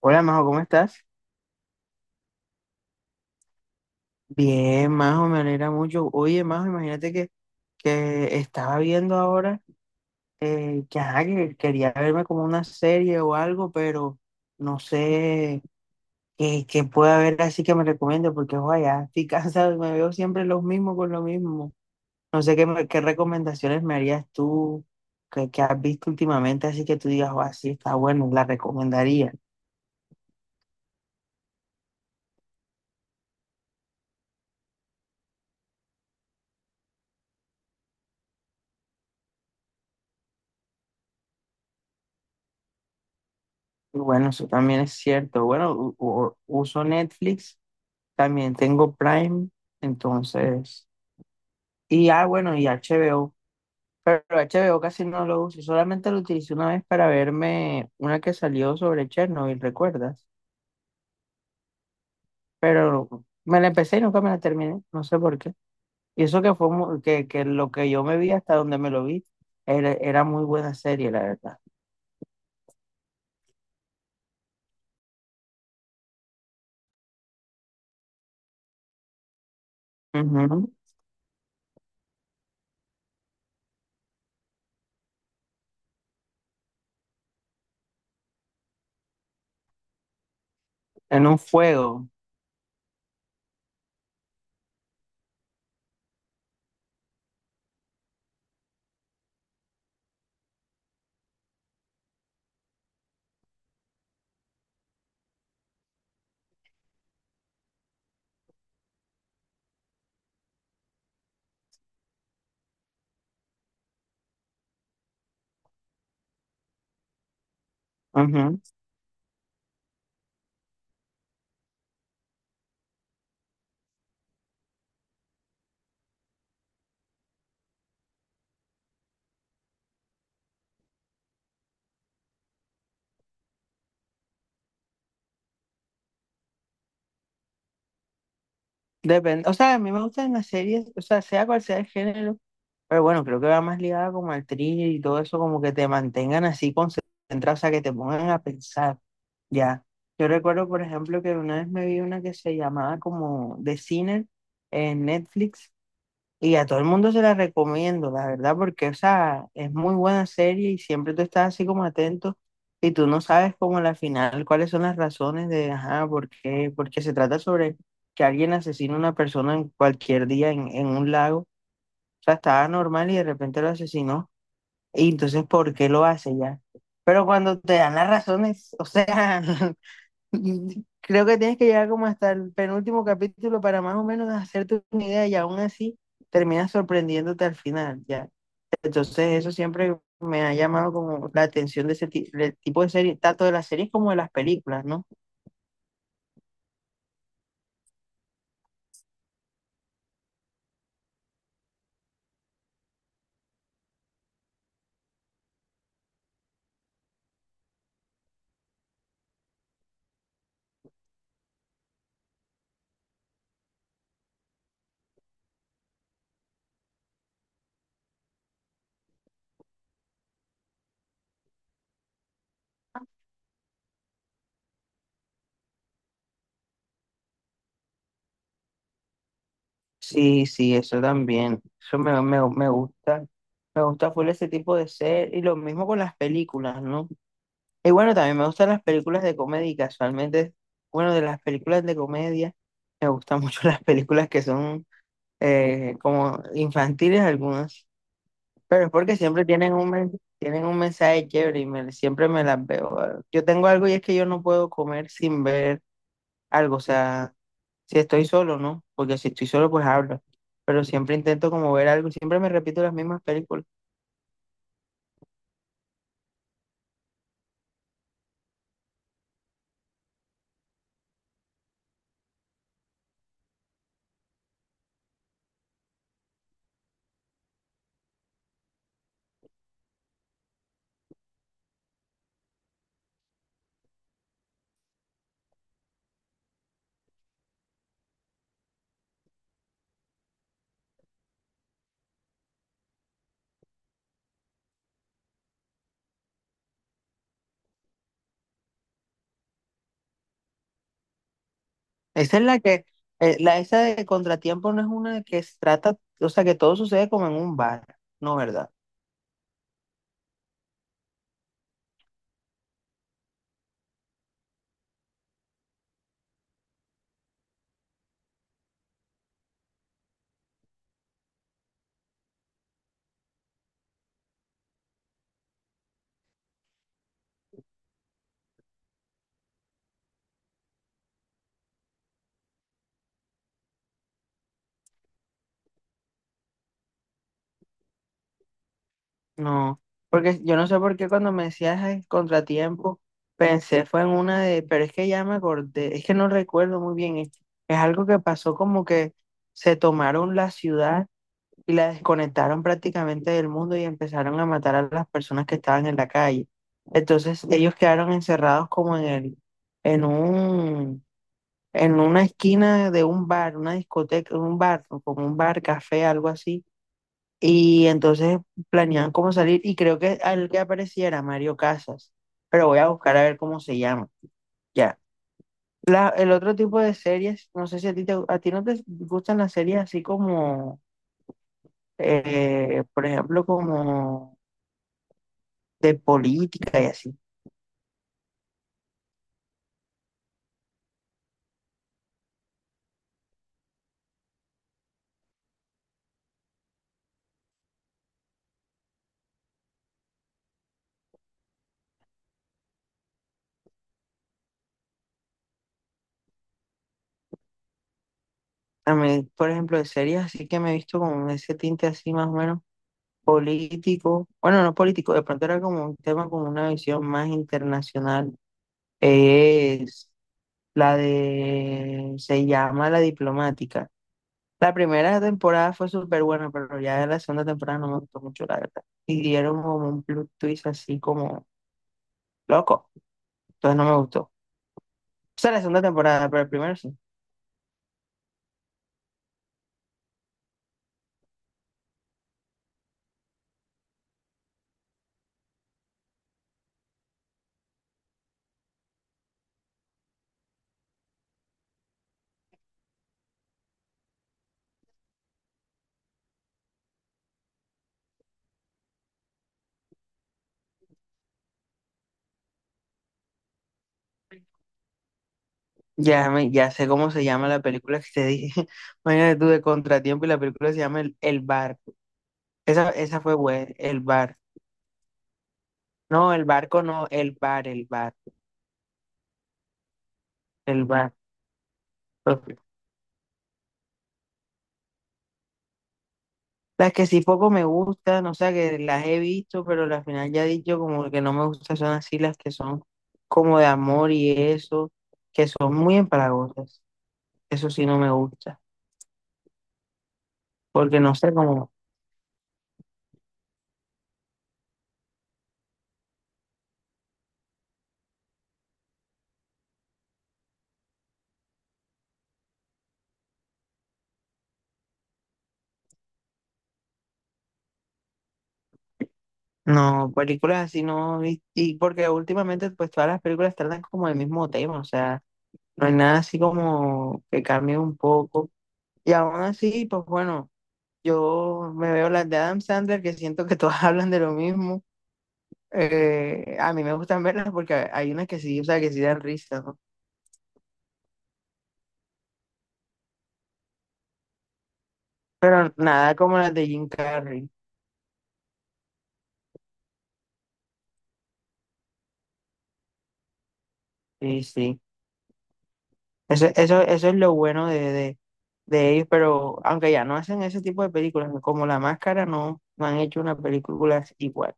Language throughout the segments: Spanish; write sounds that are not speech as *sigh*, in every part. Hola, Majo, ¿cómo estás? Bien, Majo, me alegra mucho. Oye, Majo, imagínate que estaba viendo ahora, que, ajá, que quería verme como una serie o algo, pero no sé qué, qué puede haber así que me recomiende, porque ojalá, estoy *laughs* cansado y me veo siempre los mismos con lo mismo. No sé qué, qué recomendaciones me harías tú que has visto últimamente, así que tú digas, oh, así está bueno, la recomendaría. Y bueno, eso también es cierto. Bueno, uso Netflix, también tengo Prime, entonces, y ah, bueno, y HBO. Pero H B o casi no lo uso, solamente lo utilicé una vez para verme una que salió sobre Chernobyl, ¿recuerdas? Pero me la empecé y nunca me la terminé, no sé por qué. Y eso que fue que lo que yo me vi hasta donde me lo vi, era muy buena serie, la verdad. Ujú. En un fuego. Ujú. Depende, o sea, a mí me gustan las series, o sea, sea cual sea el género, pero bueno, creo que va más ligada como al thriller y todo eso, como que te mantengan así concentrado, o sea, que te pongan a pensar. Ya, yo recuerdo, por ejemplo, que una vez me vi una que se llamaba como The Sinner en Netflix y a todo el mundo se la recomiendo, la verdad, porque, o sea, es muy buena serie y siempre tú estás así como atento y tú no sabes como a la final cuáles son las razones de, ajá, por qué, porque se trata sobre que alguien asesina a una persona en cualquier día en un lago, o sea, estaba normal y de repente lo asesinó y entonces, ¿por qué lo hace ya? Pero cuando te dan las razones, o sea... *laughs* *laughs* Y creo que tienes que llegar como hasta el penúltimo capítulo para más o menos hacerte una idea y aún así terminas sorprendiéndote al final, ya. Entonces eso siempre me ha llamado como la atención de ese del tipo de serie, tanto de las series como de las películas, ¿no? Sí, sí, eso también, eso me gusta full ese tipo de serie y lo mismo con las películas, ¿no? Y bueno, también me gustan las películas de comedia, y casualmente, bueno, de las películas de comedia, me gustan mucho *laughs* las películas que son como infantiles algunas, pero es porque siempre tienen tienen un mensaje chévere y siempre me las veo. Yo tengo algo y es que yo no puedo comer sin ver algo, o sea, si estoy solo, ¿no? Porque si estoy solo, pues hablo, pero siempre intento como ver algo, siempre me repito las mismas películas. Esa es la que, esa de Contratiempo no es una que se trata, o sea, que todo sucede como en un bar, ¿no, verdad? No, porque yo no sé por qué cuando me decías el contratiempo, pensé fue en una de, pero es que ya me acordé, es que no recuerdo muy bien, es algo que pasó como que se tomaron la ciudad y la desconectaron prácticamente del mundo y empezaron a matar a las personas que estaban en la calle. Entonces ellos quedaron encerrados como en un, en una esquina de un bar, una discoteca, un bar, como un bar, café, algo así y entonces planeaban cómo salir y creo que al que aparecía era Mario Casas, pero voy a buscar a ver cómo se llama. Ya. El otro tipo de series, no sé si a ti, a ti no te gustan las series así como, por ejemplo, como de política y así. A mí, por ejemplo, de series así que me he visto con ese tinte así más o menos político. Bueno, no político, de pronto era como un tema con una visión más internacional. Es la de... Se llama La Diplomática. La primera temporada fue súper buena, pero ya la segunda temporada no me gustó mucho, la verdad. Y dieron como un plot twist así como loco. Entonces no me gustó. O sea, la segunda temporada, pero el primero sí. Ya, me, ya sé cómo se llama la película que te dije. *laughs* Imagínate tú de Contratiempo y la película se llama El Barco. Esa fue buena, El Bar. No, El Barco no, El Bar, El Bar. Ok. Las que sí poco me gustan, o sea, que las he visto, pero al final ya he dicho como que no me gustan, son así las que son como de amor y eso, que son muy empalagosas. Eso sí no me gusta, porque no sé cómo, no, películas así no, y porque últimamente pues todas las películas tratan como el mismo tema, o sea, no hay nada así como que cambie un poco. Y aún así, pues bueno, yo me veo las de Adam Sandler que siento que todas *laughs* hablan de lo mismo. A mí me gustan verlas porque hay unas que sí, o sea, que sí dan risa, ¿no? Pero nada como las de Jim Carrey. Sí, sí. Eso es lo bueno de ellos, pero aunque ya no hacen ese tipo de películas, como La Máscara, no, no han hecho una película igual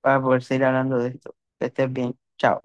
para poder seguir hablando de esto. Que estés bien. Chao.